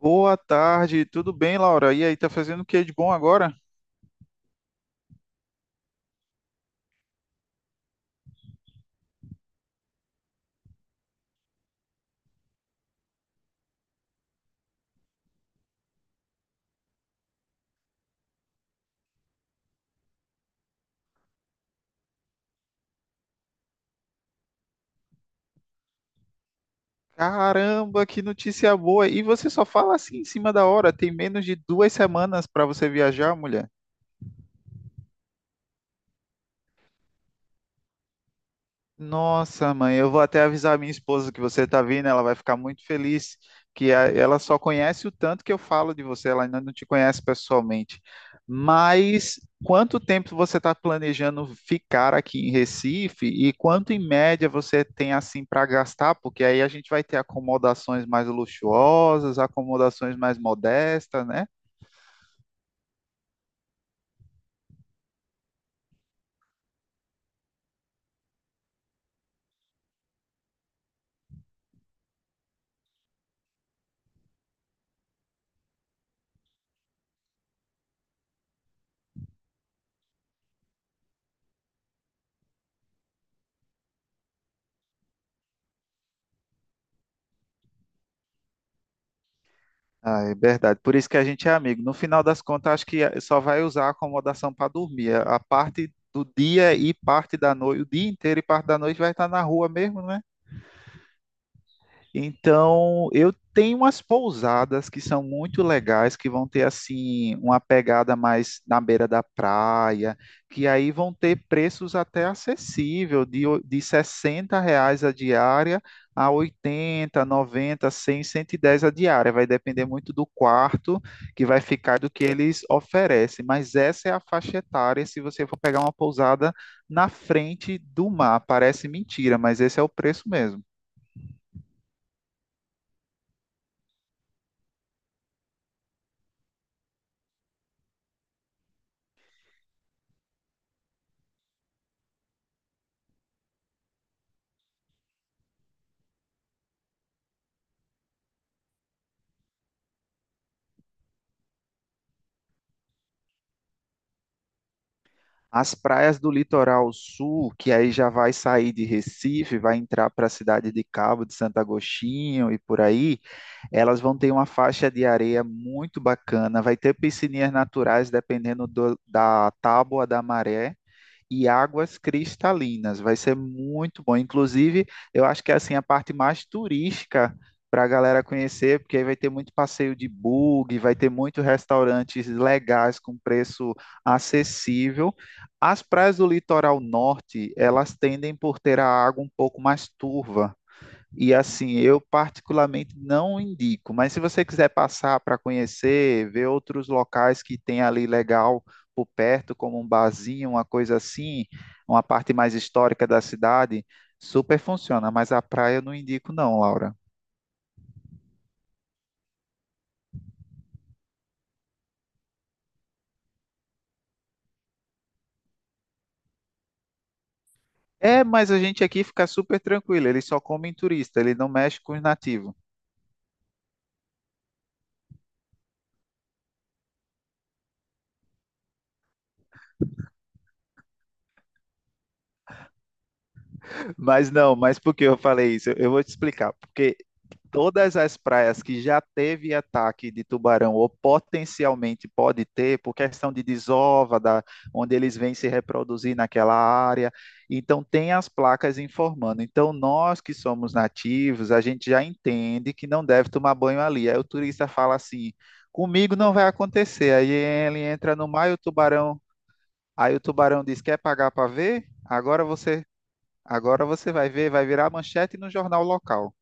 Boa tarde, tudo bem, Laura? E aí, tá fazendo o que de bom agora? Caramba, que notícia boa! E você só fala assim em cima da hora, tem menos de 2 semanas para você viajar, mulher. Nossa, mãe, eu vou até avisar a minha esposa que você está vindo, ela vai ficar muito feliz, que ela só conhece o tanto que eu falo de você, ela ainda não te conhece pessoalmente. Mas quanto tempo você está planejando ficar aqui em Recife e quanto em média você tem assim para gastar? Porque aí a gente vai ter acomodações mais luxuosas, acomodações mais modestas, né? Ah, é verdade. Por isso que a gente é amigo. No final das contas, acho que só vai usar a acomodação para dormir. A parte do dia e parte da noite, o dia inteiro e parte da noite vai estar na rua mesmo, né? Então, eu tenho umas pousadas que são muito legais, que vão ter assim uma pegada mais na beira da praia, que aí vão ter preços até acessível, de R$ 60 a diária a 80, 90, 100, 110 a diária. Vai depender muito do quarto que vai ficar e do que eles oferecem. Mas essa é a faixa etária se você for pegar uma pousada na frente do mar. Parece mentira, mas esse é o preço mesmo. As praias do litoral sul, que aí já vai sair de Recife, vai entrar para a cidade de Cabo de Santo Agostinho e por aí, elas vão ter uma faixa de areia muito bacana, vai ter piscininhas naturais dependendo da tábua da maré e águas cristalinas. Vai ser muito bom. Inclusive, eu acho que é assim a parte mais turística para a galera conhecer, porque aí vai ter muito passeio de bug, vai ter muitos restaurantes legais com preço acessível. As praias do litoral norte, elas tendem por ter a água um pouco mais turva. E assim, eu particularmente não indico, mas se você quiser passar para conhecer, ver outros locais que tem ali legal por perto, como um barzinho, uma coisa assim, uma parte mais histórica da cidade, super funciona, mas a praia eu não indico não, Laura. É, mas a gente aqui fica super tranquilo, eles só comem turista, ele não mexe com os nativos. Mas não, mas por que eu falei isso? Eu vou te explicar, porque todas as praias que já teve ataque de tubarão ou potencialmente pode ter, por questão de desova, da, onde eles vêm se reproduzir naquela área. Então, tem as placas informando. Então, nós que somos nativos, a gente já entende que não deve tomar banho ali. Aí o turista fala assim: comigo não vai acontecer. Aí ele entra no mar e o tubarão. Aí o tubarão diz: quer pagar para ver? Agora você. Agora você vai ver, vai virar manchete no jornal local.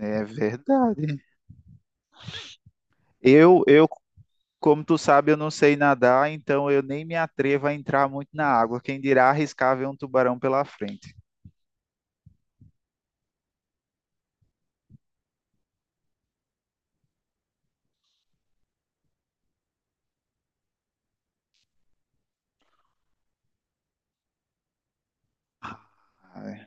É verdade. Eu, como tu sabe, eu não sei nadar, então eu nem me atrevo a entrar muito na água. Quem dirá arriscar ver um tubarão pela frente. Ai.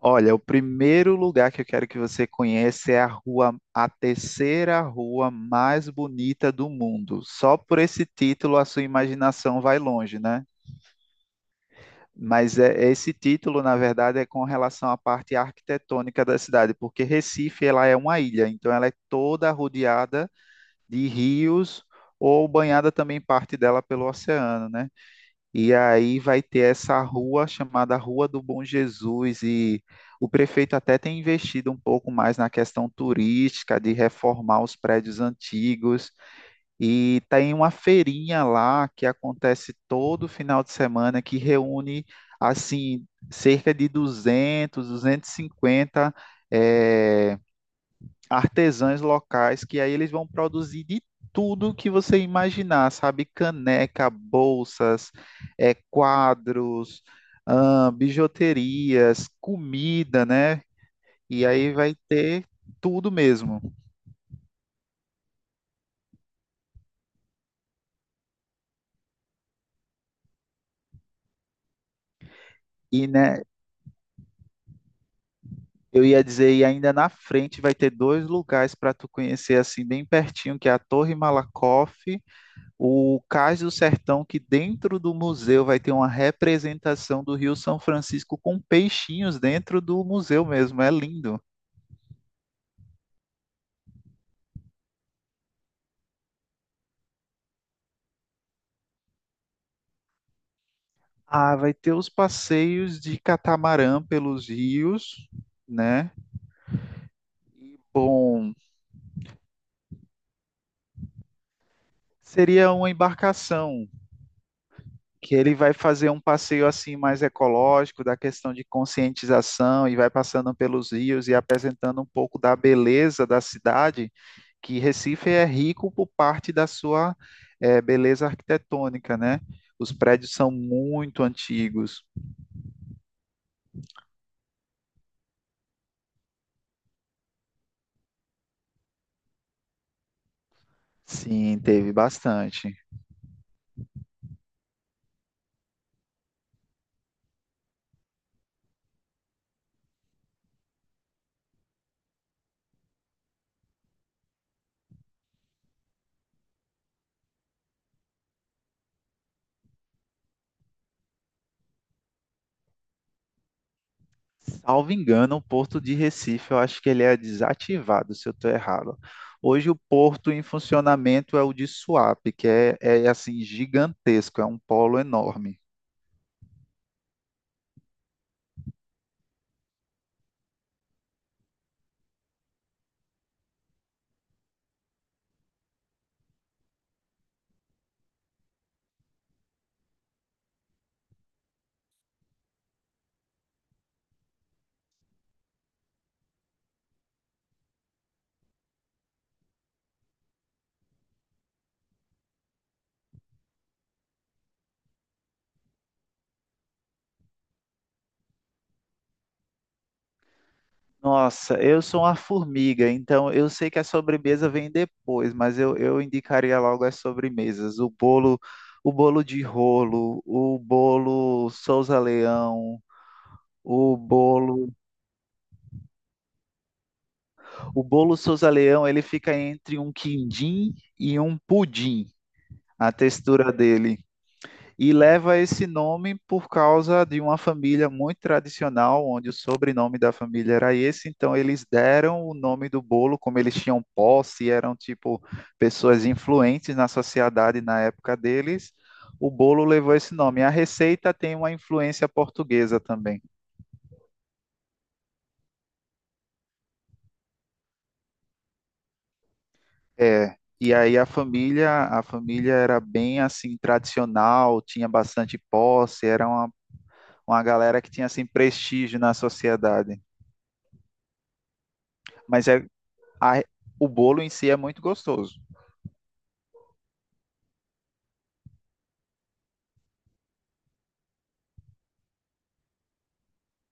Olha, o primeiro lugar que eu quero que você conheça é a rua, a terceira rua mais bonita do mundo. Só por esse título a sua imaginação vai longe, né? Mas é, esse título, na verdade, é com relação à parte arquitetônica da cidade, porque Recife ela é uma ilha, então ela é toda rodeada de rios ou banhada também parte dela pelo oceano, né? E aí vai ter essa rua chamada Rua do Bom Jesus e o prefeito até tem investido um pouco mais na questão turística, de reformar os prédios antigos e tem uma feirinha lá que acontece todo final de semana que reúne assim cerca de 200, 250 eh, artesãs locais que aí eles vão produzir de tudo que você imaginar, sabe? Caneca, bolsas, é, quadros, bijuterias, comida, né? E aí vai ter tudo mesmo. E, né, eu ia dizer, e ainda na frente vai ter dois lugares para tu conhecer assim bem pertinho, que é a Torre Malakoff o Cais do Sertão, que dentro do museu vai ter uma representação do Rio São Francisco com peixinhos dentro do museu mesmo, é lindo. Ah, vai ter os passeios de catamarã pelos rios, né? Bom, seria uma embarcação que ele vai fazer um passeio assim mais ecológico, da questão de conscientização e vai passando pelos rios e apresentando um pouco da beleza da cidade, que Recife é rico por parte da sua beleza arquitetônica, né? Os prédios são muito antigos. Sim, teve bastante. Salvo engano, o Porto de Recife, eu acho que ele é desativado, se eu estou errado. Hoje o Porto em funcionamento é o de Suape, que é, é assim gigantesco, é um polo enorme. Nossa, eu sou uma formiga, então eu sei que a sobremesa vem depois, mas eu indicaria logo as sobremesas. O bolo de rolo, o bolo, o bolo Souza Leão, ele fica entre um quindim e um pudim. A textura dele. E leva esse nome por causa de uma família muito tradicional, onde o sobrenome da família era esse, então eles deram o nome do bolo, como eles tinham posse, eram tipo pessoas influentes na sociedade na época deles, o bolo levou esse nome. A receita tem uma influência portuguesa também. É, e aí a família era bem assim tradicional, tinha bastante posse, era uma galera que tinha assim prestígio na sociedade. Mas é, a- o bolo em si é muito gostoso.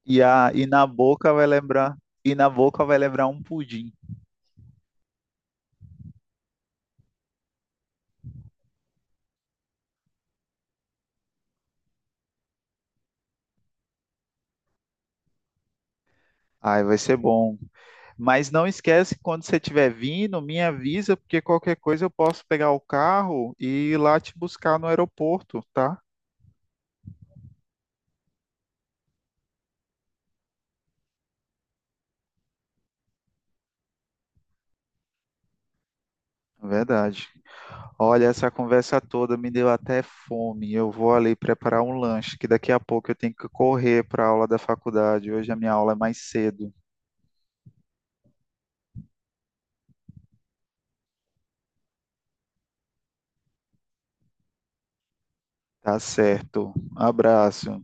E, a, e na boca vai lembrar, e na boca vai lembrar um pudim. Ai, vai ser bom. Mas não esquece, quando você estiver vindo, me avisa, porque qualquer coisa eu posso pegar o carro e ir lá te buscar no aeroporto, tá? Verdade. Olha, essa conversa toda me deu até fome. Eu vou ali preparar um lanche, que daqui a pouco eu tenho que correr para a aula da faculdade. Hoje a minha aula é mais cedo. Tá certo. Abraço.